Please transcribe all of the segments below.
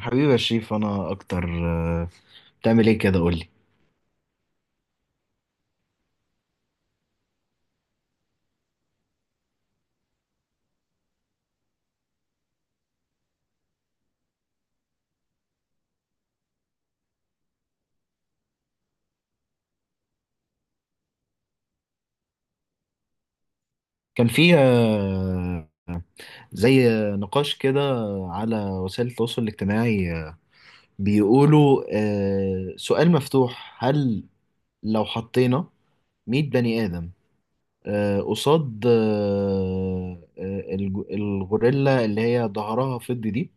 حبيبي يا شريف، انا اكتر. بتعمل ايه كده؟ قولي. كان في زي نقاش كده على وسائل التواصل الاجتماعي. بيقولوا سؤال مفتوح: هل لو حطينا 100 بني آدم قصاد الغوريلا اللي هي ظهرها فضي دي،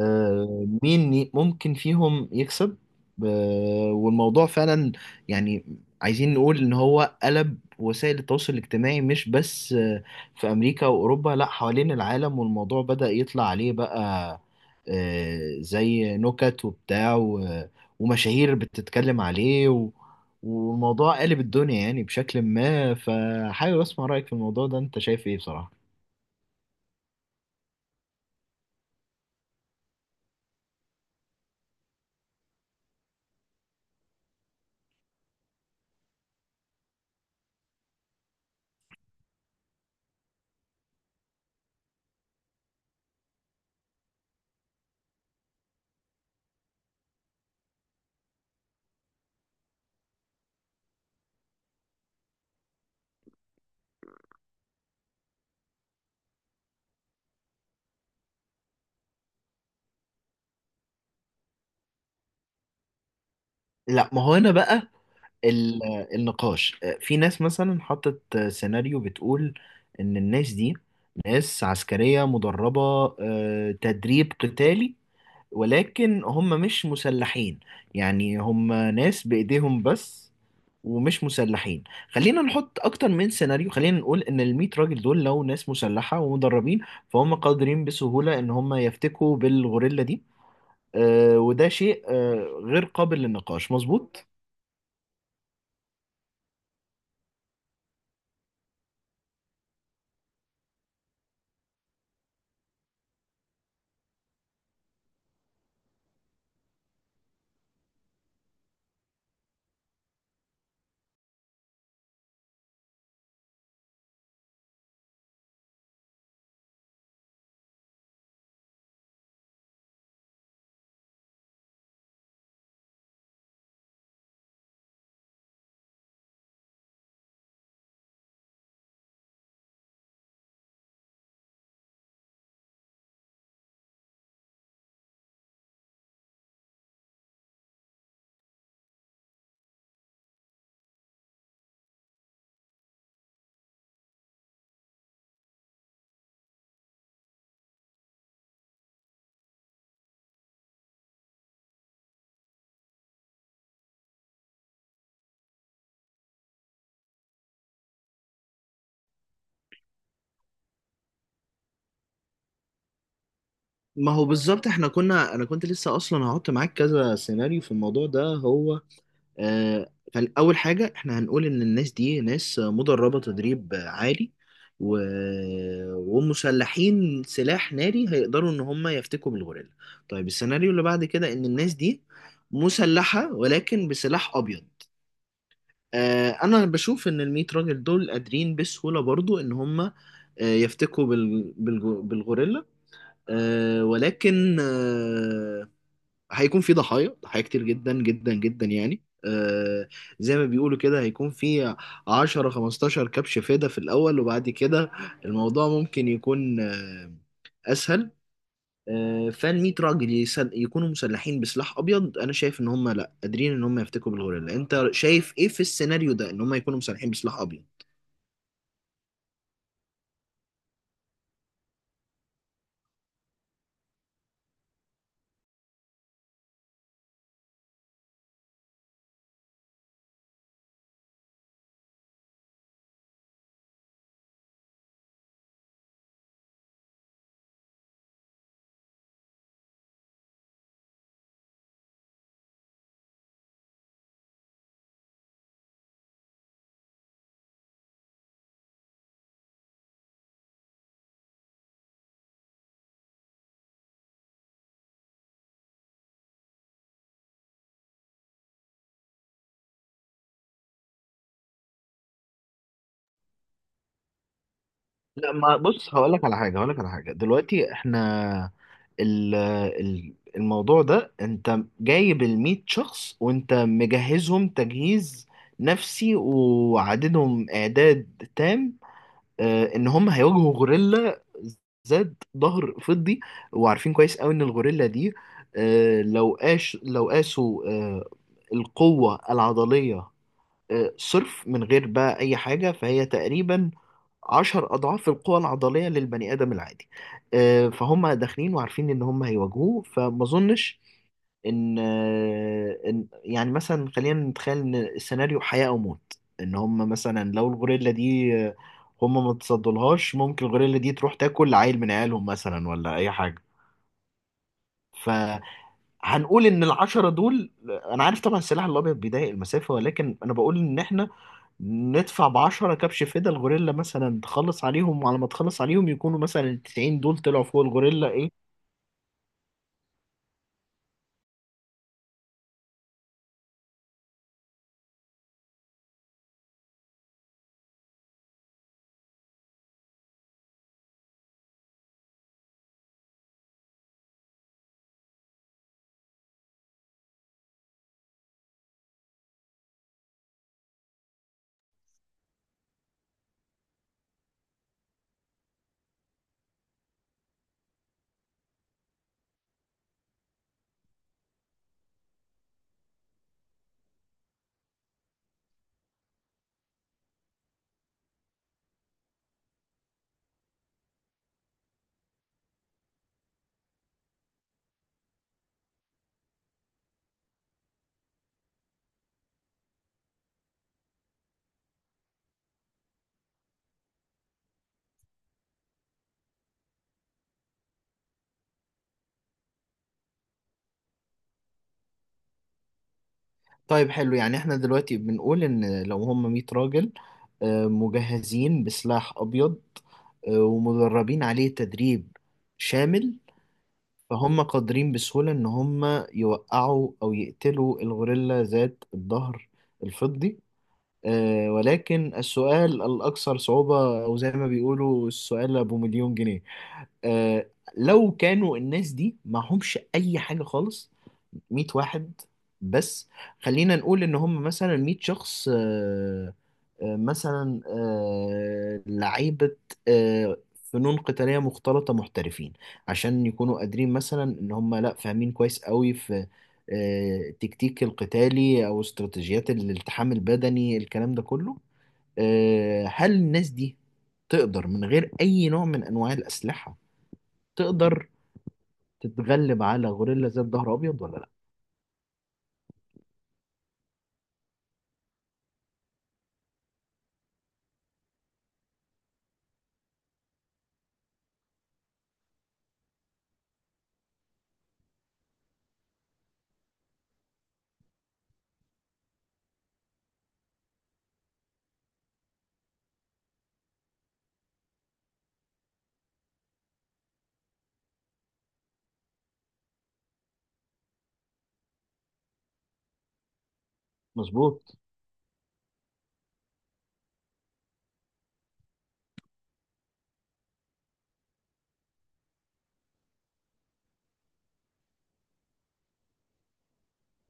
مين ممكن فيهم يكسب؟ والموضوع فعلا يعني عايزين نقول ان هو قلب وسائل التواصل الاجتماعي مش بس في امريكا واوروبا، لا، حوالين العالم. والموضوع بدأ يطلع عليه بقى زي نكت وبتاع ومشاهير بتتكلم عليه والموضوع قالب الدنيا يعني بشكل ما. فحابب اسمع رأيك في الموضوع ده. انت شايف ايه بصراحة؟ لا، ما هو هنا بقى ال- النقاش. في ناس مثلا حطت سيناريو بتقول ان الناس دي ناس عسكرية مدربة تدريب قتالي، ولكن هم مش مسلحين. يعني هم ناس بإيديهم بس، ومش مسلحين. خلينا نحط اكتر من سيناريو. خلينا نقول ان الميت راجل دول لو ناس مسلحة ومدربين، فهم قادرين بسهولة ان هم يفتكوا بالغوريلا دي. وده شيء غير قابل للنقاش، مظبوط؟ ما هو بالظبط. احنا كنا، انا كنت لسه اصلا هحط معاك كذا سيناريو في الموضوع ده. هو اول حاجه احنا هنقول ان الناس دي ناس مدربه تدريب عالي و... ومسلحين سلاح ناري، هيقدروا ان هم يفتكوا بالغوريلا. طيب، السيناريو اللي بعد كده ان الناس دي مسلحه ولكن بسلاح ابيض. انا بشوف ان الميت راجل دول قادرين بسهوله برضو ان هم يفتكوا بالغوريلا، ولكن هيكون في ضحايا ضحايا كتير جدا جدا جدا يعني. زي ما بيقولوا كده هيكون في 10 15 كبش فدا في الأول، وبعد كده الموضوع ممكن يكون أسهل. فال 100 راجل يكونوا مسلحين بسلاح أبيض، أنا شايف إن هم لأ، قادرين إن هم يفتكوا بالغوريلا. أنت شايف إيه في السيناريو ده، إن هم يكونوا مسلحين بسلاح أبيض؟ لا، ما بص، هقول لك على حاجه. هقول لك على حاجه دلوقتي. احنا ال ال الموضوع ده انت جايب ال 100 شخص وانت مجهزهم تجهيز نفسي وعددهم اعداد تام، اه ان هم هيواجهوا غوريلا ذات ظهر فضي، وعارفين كويس قوي ان الغوريلا دي، اه لو قاسوا اه القوه العضليه صرف من غير بقى أي حاجة، فهي تقريبا عشر أضعاف القوة العضلية للبني آدم العادي. فهم داخلين وعارفين إن هم هيواجهوه، فما أظنش إن إن يعني، مثلا خلينا نتخيل إن السيناريو حياة أو موت. إن هم مثلا لو الغوريلا دي هم ما تصدلهاش، ممكن الغوريلا دي تروح تاكل عيل من عيالهم مثلا ولا أي حاجة. ف هنقول ان العشرة دول، انا عارف طبعا السلاح الابيض بيضايق المسافة، ولكن انا بقول ان احنا ندفع بعشرة كبش فدا، الغوريلا مثلا تخلص عليهم، وعلى ما تخلص عليهم يكونوا مثلا التسعين دول طلعوا فوق الغوريلا. ايه؟ طيب، حلو. يعني احنا دلوقتي بنقول ان لو هم 100 راجل مجهزين بسلاح ابيض ومدربين عليه تدريب شامل، فهم قادرين بسهولة ان هم يوقعوا او يقتلوا الغوريلا ذات الظهر الفضي. ولكن السؤال الأكثر صعوبة، أو زي ما بيقولوا السؤال أبو مليون جنيه، آه، لو كانوا الناس دي معهمش أي حاجة خالص. 100 واحد بس. خلينا نقول ان هم مثلا 100 شخص، مثلا لعيبة آه، فنون قتالية مختلطة محترفين، عشان يكونوا قادرين مثلا، ان هم لا، فاهمين كويس قوي في التكتيك القتالي او استراتيجيات الالتحام البدني الكلام ده كله. هل الناس دي تقدر من غير اي نوع من انواع الاسلحة، تقدر تتغلب على غوريلا ذات ظهر ابيض ولا لا؟ مظبوط.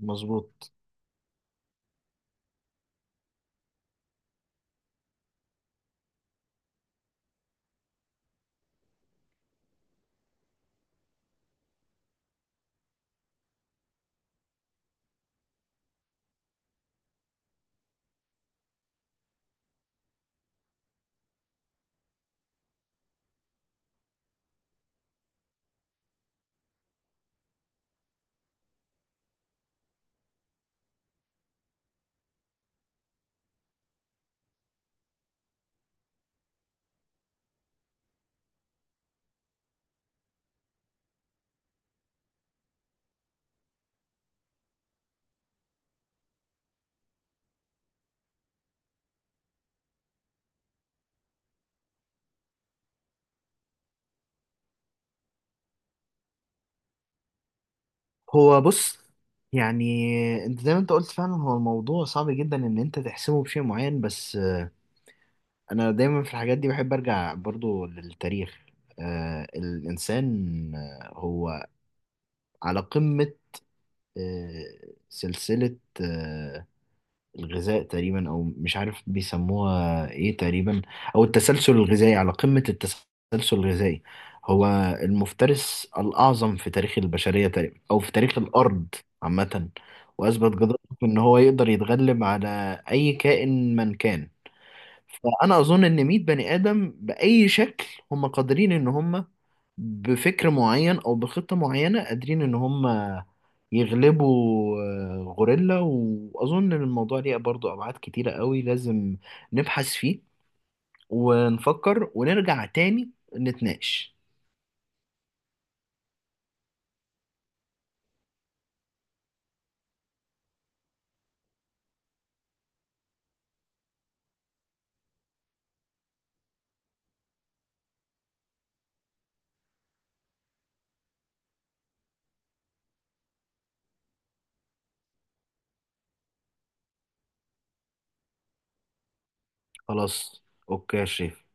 مظبوط. هو بص، يعني انت زي ما انت قلت فعلا، هو الموضوع صعب جدا ان انت تحسمه بشيء معين، بس انا دايما في الحاجات دي بحب ارجع برضو للتاريخ. الانسان هو على قمة سلسلة الغذاء تقريبا، او مش عارف بيسموها ايه تقريبا، او التسلسل الغذائي، على قمة التسلسل الغذائي. هو المفترس الاعظم في تاريخ البشرية تقريبا، او في تاريخ الارض عامة، واثبت جدارته ان هو يقدر يتغلب على اي كائن من كان. فانا اظن ان 100 بني ادم باي شكل هم قادرين، ان هم بفكر معين او بخطه معينه قادرين ان هم يغلبوا غوريلا. واظن ان الموضوع ليه برضو ابعاد كتيره قوي، لازم نبحث فيه ونفكر ونرجع تاني نتناقش. خلاص، اوكي يا شريف.